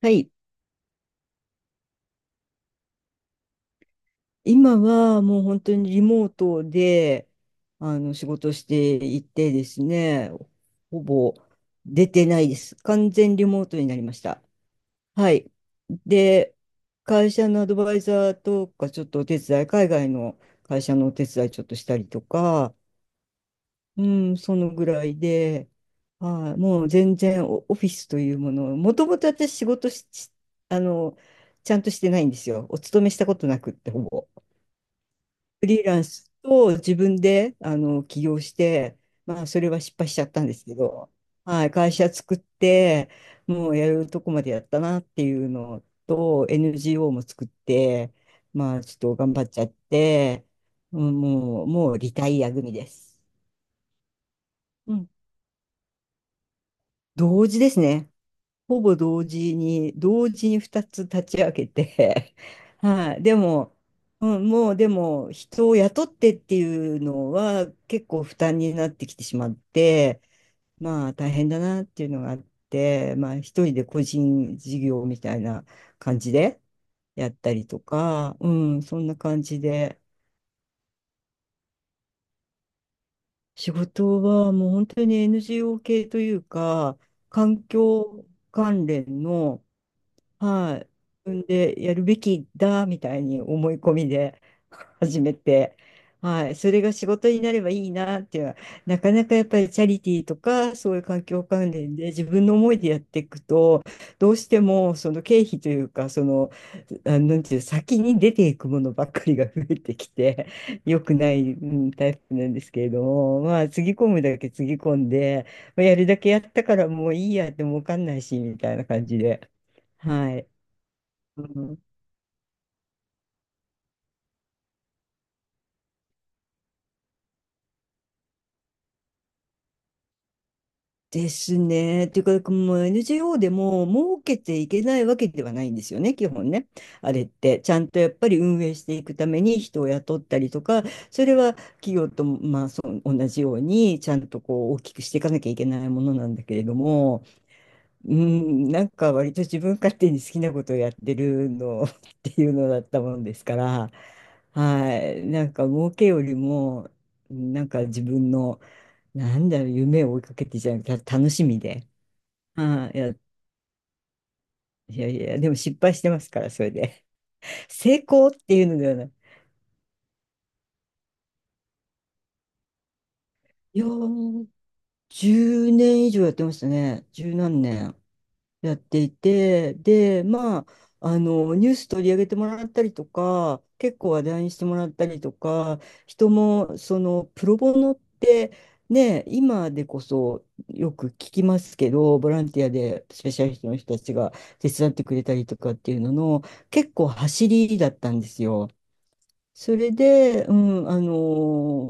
はい。今はもう本当にリモートで、仕事していてですね、ほぼ出てないです。完全リモートになりました。はい。で、会社のアドバイザーとか、ちょっとお手伝い、海外の会社のお手伝いちょっとしたりとか、うん、そのぐらいで、はい、もう全然オフィスというものを、もともと私仕事し、あの、ちゃんとしてないんですよ。お勤めしたことなくって、ほぼ。フリーランスと自分で起業して、まあ、それは失敗しちゃったんですけど、はい、会社作って、もうやるとこまでやったなっていうのと、NGO も作って、まあ、ちょっと頑張っちゃって、うん、もうリタイア組です。うん。同時ですね。ほぼ同時に2つ立ち上げて、はい、でも、うん、もうでも人を雇ってっていうのは結構負担になってきてしまって、まあ大変だなっていうのがあって、まあ一人で個人事業みたいな感じでやったりとか、うん、そんな感じで、仕事はもう本当に NGO 系というか、環境関連の、はい。自分でやるべきだみたいに思い込みで 始めて、はい。それが仕事になればいいなっていうのは、なかなかやっぱりチャリティーとか、そういう環境関連で自分の思いでやっていくと、どうしてもその経費というか、なんていう、先に出ていくものばっかりが増えてきて、良くない、タイプなんですけれども、まあ、つぎ込むだけつぎ込んで、まあやるだけやったからもういいやってもわかんないし、みたいな感じで。はい。うん、ですね。というか、もう NGO でも儲けていけないわけではないんですよね、基本ね。あれって、ちゃんとやっぱり運営していくために人を雇ったりとか、それは企業と、まあ、そう同じように、ちゃんとこう大きくしていかなきゃいけないものなんだけれども、うん、なんか割と自分勝手に好きなことをやってるの っていうのだったもんですから、はい、なんか儲けよりも、なんか自分の、なんだろう、夢を追いかけてじゃなくて、た楽しみで、はい、いや、いやいや、でも失敗してますから、それで。成功っていうのではない。いやー、10年以上やってましたね。十何年。やっていて、で、まあ、ニュース取り上げてもらったりとか、結構話題にしてもらったりとか、人も、その、プロボノって、ね、今でこそよく聞きますけど、ボランティアでスペシャリストの人たちが手伝ってくれたりとかっていうのの、結構走りだったんですよ。それで、うん、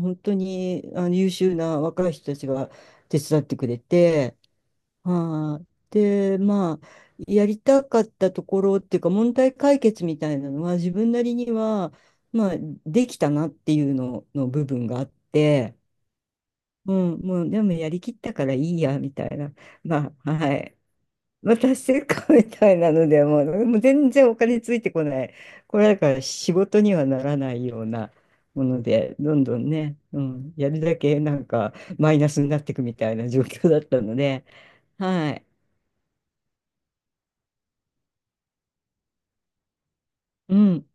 本当に優秀な若い人たちが手伝ってくれて、はい。で、まあ、やりたかったところっていうか、問題解決みたいなのは、自分なりには、まあ、できたなっていうのの部分があって、うん、もう、でもやりきったからいいや、みたいな。まあ、はい。まあ、達成感みたいなので、もう、もう全然お金ついてこない。これだから仕事にはならないようなもので、どんどんね、うん、やるだけなんかマイナスになっていくみたいな状況だったので、はい。うん。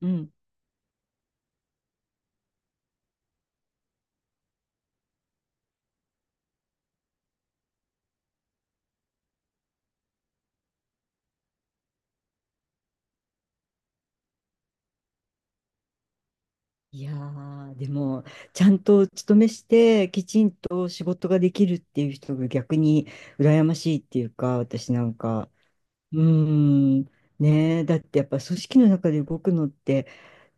うん。いやー、でも、ちゃんと勤めして、きちんと仕事ができるっていう人が逆に羨ましいっていうか、私なんか、うーん、ねえ、だってやっぱ組織の中で動くのって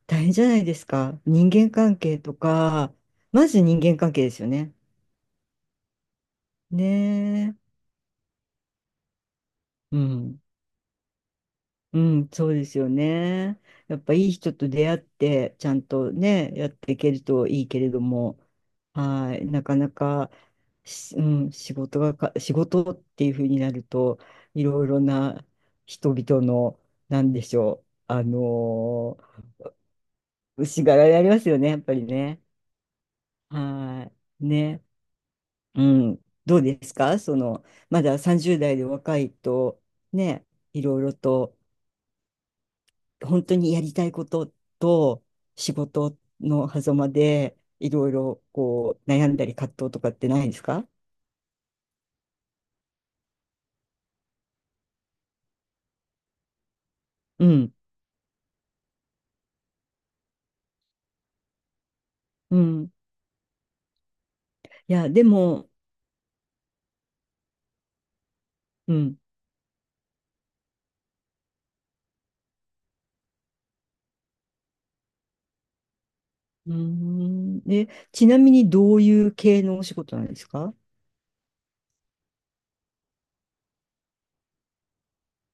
大変じゃないですか。人間関係とか、まず人間関係ですよね。ねえ、うん。うん、そうですよね。やっぱいい人と出会って、ちゃんとね、やっていけるといいけれども、はい、なかなか、しうん、仕事がか、仕事っていうふうになると、いろいろな人々の、なんでしょう、しがられありますよね、やっぱりね。はい、ね。うん、どうですかその、まだ30代で若いと、ね、いろいろと、本当にやりたいことと仕事の狭間でいろいろこう悩んだり葛藤とかってないですか？うん。うん。いや、でも、うん。うーん。で、ちなみにどういう系のお仕事なんですか？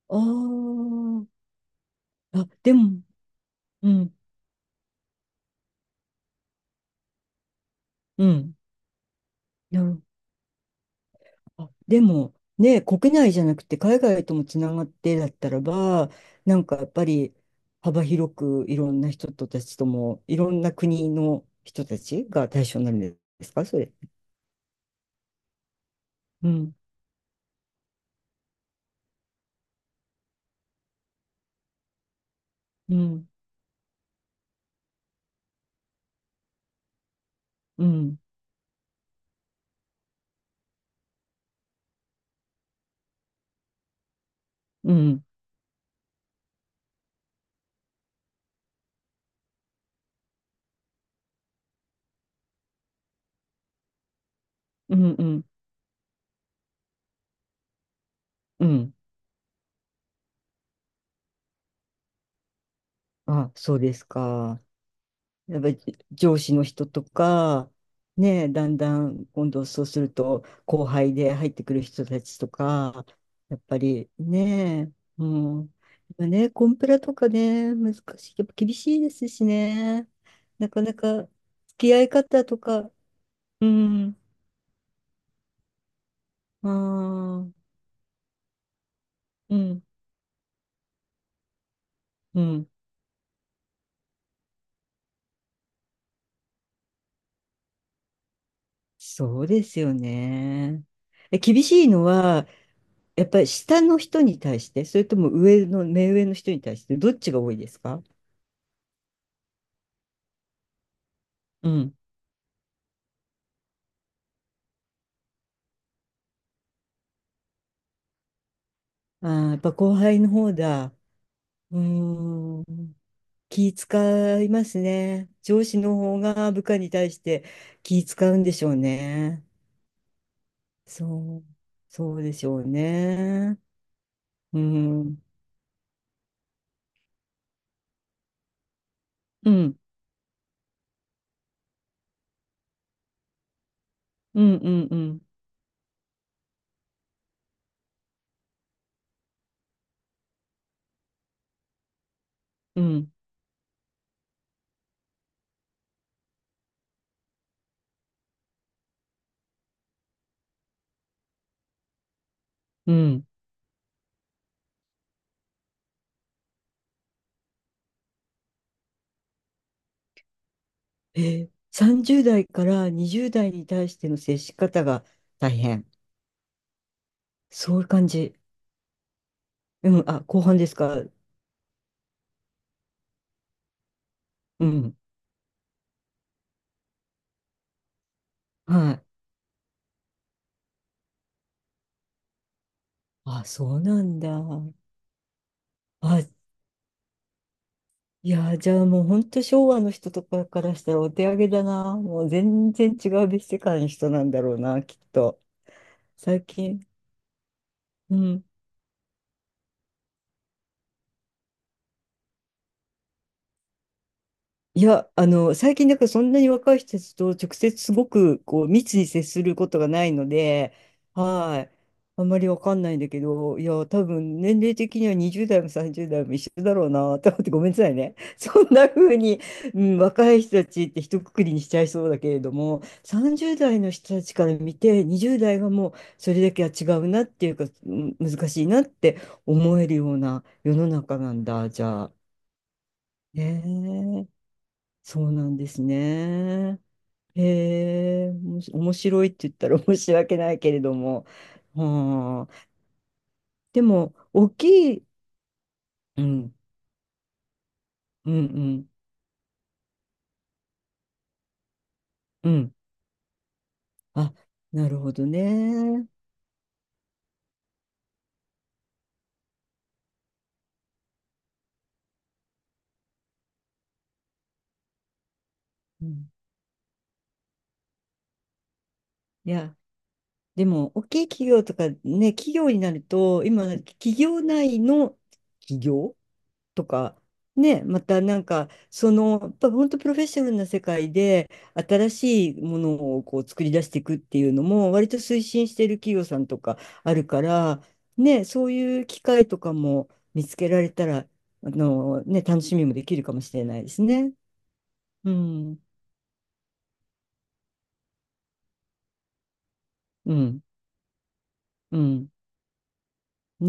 ああー、あ、でも、うん、うん。なるあでも、ね、国内じゃなくて海外ともつながってだったらば、なんかやっぱり幅広くいろんな人たちとも、いろんな国の人たちが対象になるんですか、それ。うん、うん、うん、うん、うん、うん、うん。あ、そうですか。やっぱり上司の人とか、ね、だんだん今度そうすると後輩で入ってくる人たちとか、やっぱりね、うん。今ね、コンプラとかね、難しい。やっぱ厳しいですしね。なかなか付き合い方とか、うん、ああ、うん、うん。そうですよね。え、厳しいのは、やっぱり下の人に対して、それとも上の、目上の人に対して、どっちが多いですか？うん。あー、やっぱ後輩の方だ。うーん。気使いますね。上司の方が部下に対して気使うんでしょうね。そう。そうでしょうね。うん。うん。うんうんうんうん。うん。え30代から20代に対しての接し方が大変。そういう感じ。うん。あ、後半ですか。うん。はい。あ、そうなんだ。あ、いやー、じゃあもう本当昭和の人とかからしたらお手上げだな。もう全然違う別世界の人なんだろうな、きっと。最近。うん。いや、最近、だからそんなに若い人たちと直接すごくこう密に接することがないので、はい。あんまりわかんないんだけど、いや、多分年齢的には20代も30代も一緒だろうなと思ってごめんなさいね。そんな風に、うん、若い人たちって一括りにしちゃいそうだけれども、30代の人たちから見て、20代はもうそれだけは違うなっていうか、うん難しいなって思えるような世の中なんだ、じゃあ。ねえ、そうなんですね。へえ、おもし面白いって言ったら 申し訳ないけれども。はあ、でも、大きい、うん、うん、うん、うん。あ、なるほどね。うん、いや、でも、大きい企業とかね、企業になると、今、企業内の企業とか、ね、またなんか、その、やっぱ本当プロフェッショナルな世界で、新しいものをこう作り出していくっていうのも、割と推進している企業さんとかあるから、ね、そういう機会とかも見つけられたら、ね、楽しみもできるかもしれないですね。うん、うん、うん。ね